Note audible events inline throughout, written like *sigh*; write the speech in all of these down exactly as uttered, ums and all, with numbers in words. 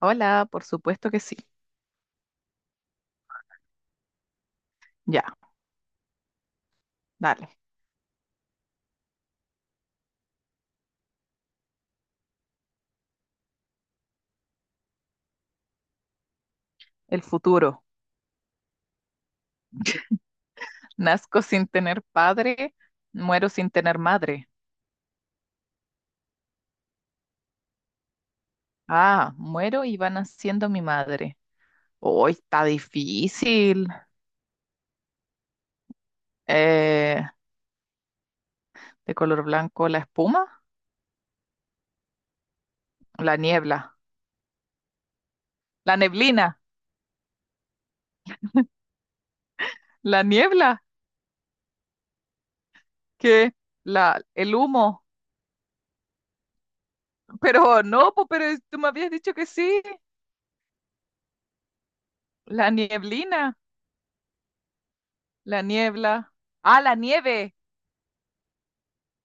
Hola, por supuesto que sí. Ya, dale. El futuro. Nazco sin tener padre, muero sin tener madre. Ah, muero y va naciendo mi madre. Hoy está difícil. Eh, de color blanco la espuma, la niebla, la neblina, la niebla, que la, el humo. Pero no, po, pero es- tú me habías dicho que sí. La nieblina, la niebla. Ah, la nieve.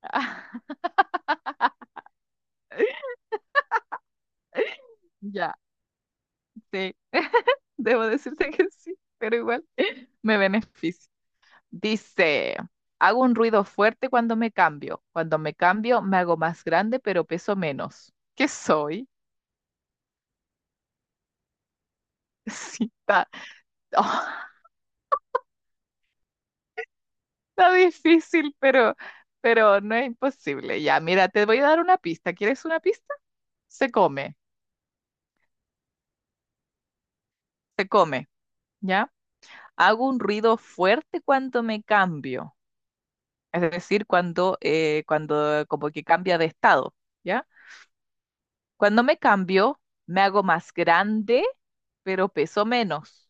*laughs* Ya, sí. Debo decirte que sí, pero igual *laughs* me beneficia. Dice, hago un ruido fuerte cuando me cambio. Cuando me cambio, me hago más grande, pero peso menos. ¿Qué soy? *laughs* Sí, está, oh, está difícil, pero, pero no es imposible. Ya, mira, te voy a dar una pista. ¿Quieres una pista? Se come, se come, ¿ya? Hago un ruido fuerte cuando me cambio. Es decir, cuando, eh, cuando como que cambia de estado, ¿ya? Cuando me cambio, me hago más grande, pero peso menos.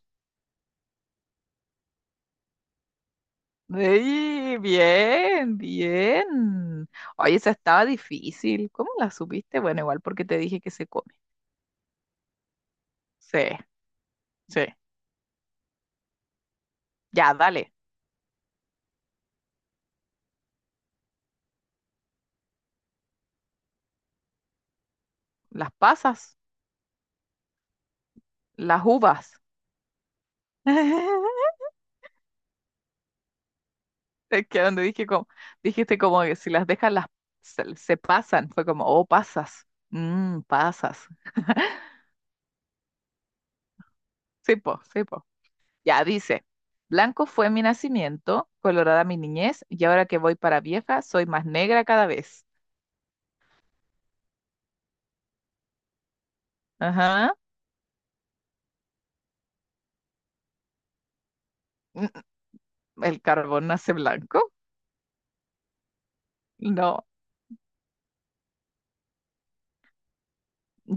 ¡Ey! Bien, bien. Oye, esa estaba difícil. ¿Cómo la supiste? Bueno, igual porque te dije que se come. Sí, sí. Ya, dale. Las pasas, las uvas. *laughs* Es que donde dije como, dijiste como que si las dejas las se, se pasan. Fue como, oh, pasas. Mmm, pasas. Sí, po, sí, po. Ya dice, blanco fue mi nacimiento, colorada mi niñez, y ahora que voy para vieja, soy más negra cada vez. Ajá. Mm, mm, ¿El carbón nace blanco? No.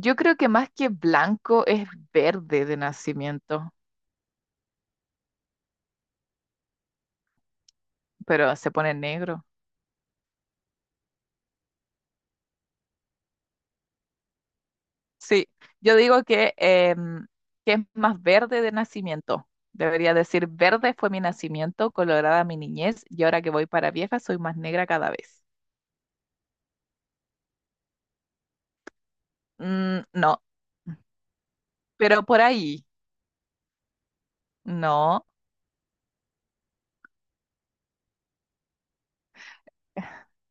Yo creo que más que blanco es verde de nacimiento, pero se pone negro. Sí, yo digo que, em, que es más verde de nacimiento. Debería decir, verde fue mi nacimiento, colorada mi niñez, y ahora que voy para vieja, soy más negra cada vez. Mm, no, pero por ahí. No,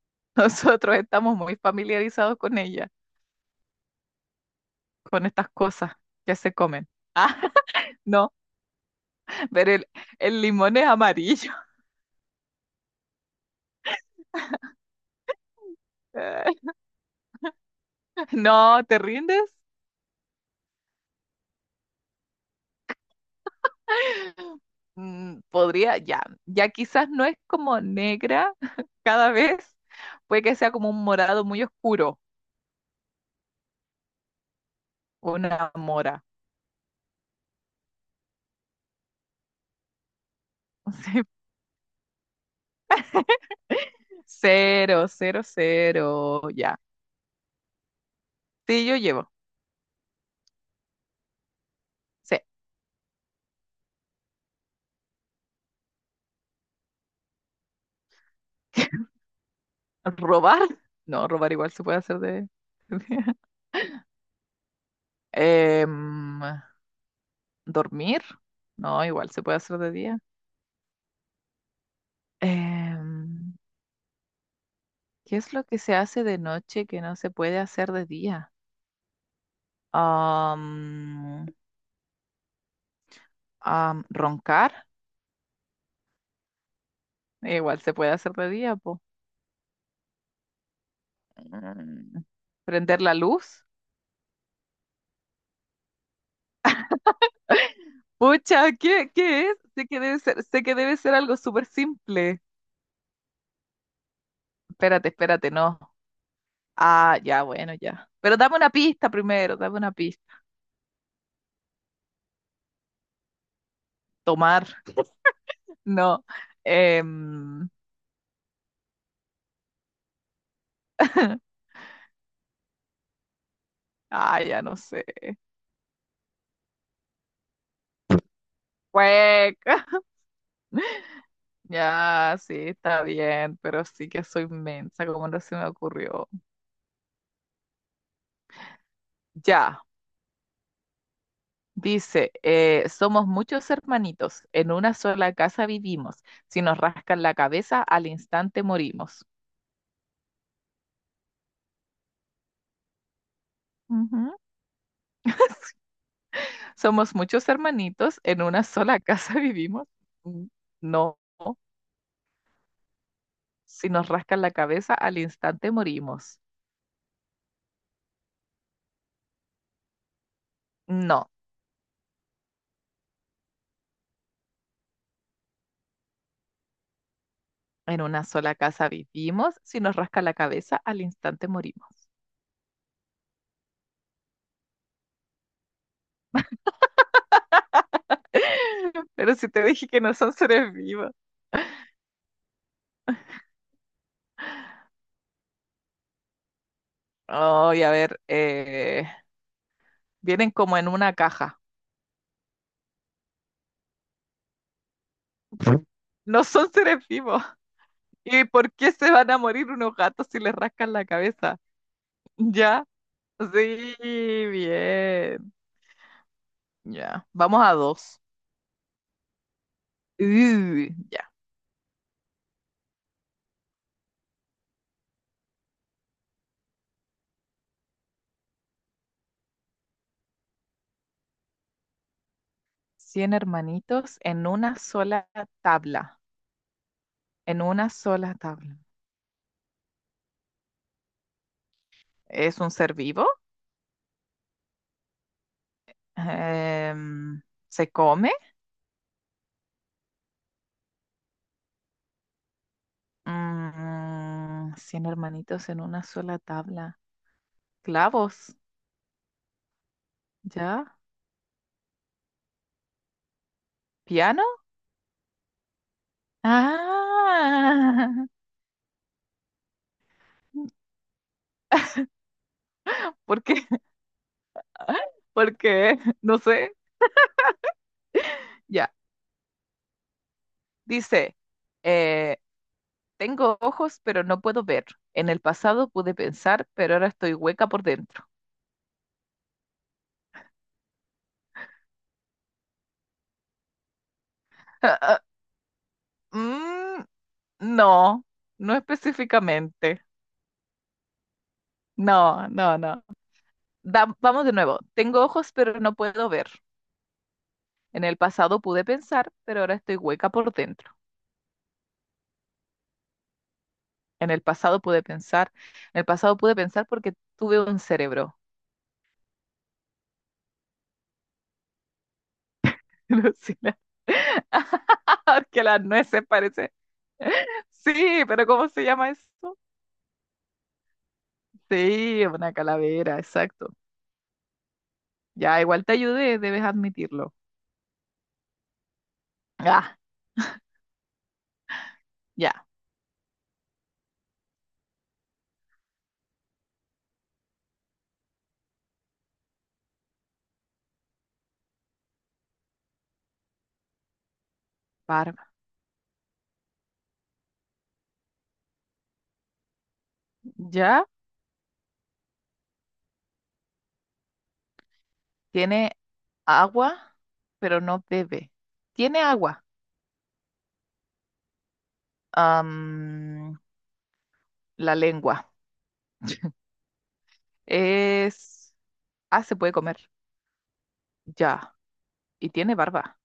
*laughs* nosotros estamos muy familiarizados con ella, con estas cosas que se comen. *laughs* Ah, no, pero el, el limón es amarillo. *laughs* No, ¿te rindes? Mm, podría, ya, ya quizás no es como negra *laughs* cada vez, puede que sea como un morado muy oscuro, una mora. *laughs* Cero, cero, cero, ya. Sí, yo llevo. Sí. *laughs* ¿Robar? No, robar igual se puede hacer de... *laughs* Em, ¿Dormir? No, igual se puede hacer de día. Em, ¿qué es lo que se hace de noche que no se puede hacer de día? Am, am, ¿roncar? Igual se puede hacer de día, po. Mm, ¿prender la luz? Pucha, ¿qué, qué es? Sé que debe ser, sé que debe ser algo súper simple. Espérate, espérate, no. Ah, ya, bueno, ya. Pero dame una pista primero, dame una pista. Tomar, *laughs* no. Em, *laughs* ah, ya no sé. Cueca. *laughs* Ya, sí, está bien, pero sí que soy mensa, como no se me ocurrió. Ya, dice, eh, somos muchos hermanitos, en una sola casa vivimos, si nos rascan la cabeza, al instante morimos. Ujú. Somos muchos hermanitos, en una sola casa *laughs* vivimos. Mm, no, si nos rascan la cabeza, al instante morimos. No, en una sola casa vivimos, si nos rascan la cabeza, al instante morimos. *laughs* Pero si te dije que no son seres vivos. Ay, a ver, eh, vienen como en una caja. No son seres vivos. ¿Y por qué se van a morir unos gatos si les rascan la cabeza? Ya, sí, bien. Ya, vamos a dos. Uh, ya. Cien hermanitos en una sola tabla. En una sola tabla. ¿Es un ser vivo? Em, ¿se come? Mm, cien hermanitos en una sola tabla. Clavos, ¿ya? ¿Piano? Ah, ¿por qué? *laughs* Porque, no sé, ya. Dice, eh, tengo ojos, pero no puedo ver. En el pasado pude pensar, pero ahora estoy hueca por dentro. *laughs* Ah, ah, mm, no, no específicamente. No, no, no. Da- vamos de nuevo. Tengo ojos, pero no puedo ver. En el pasado pude pensar, pero ahora estoy hueca por dentro. En el pasado pude pensar, en el pasado pude pensar porque tuve un cerebro. *laughs* Lucila. *laughs* Porque las nueces parece. Sí, pero ¿cómo se llama eso? Sí, una calavera, exacto. Ya, igual te ayudé, debes admitirlo. Ah, ya, barba. Ya, tiene agua, pero no bebe. Tiene agua. Am, la lengua. Es... Ah, se puede comer. Ya. Y tiene barba.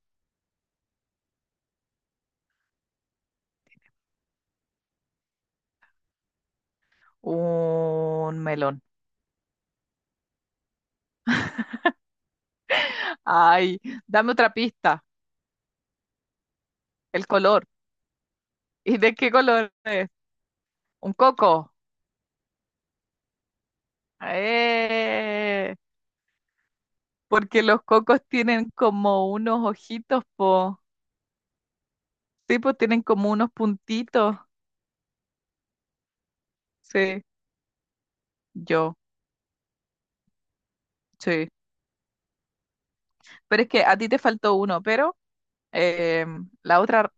Un melón. Ay, dame otra pista. El color. ¿Y de qué color es? Un coco. Eh, porque los cocos tienen como unos ojitos, po. Sí, pues tienen como unos puntitos. Sí, yo, sí. Pero es que a ti te faltó uno, pero em, la otra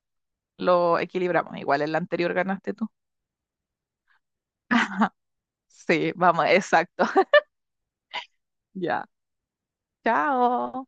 lo equilibramos. Igual en la anterior ganaste tú. Sí, vamos, exacto. *laughs* Ya. Chao.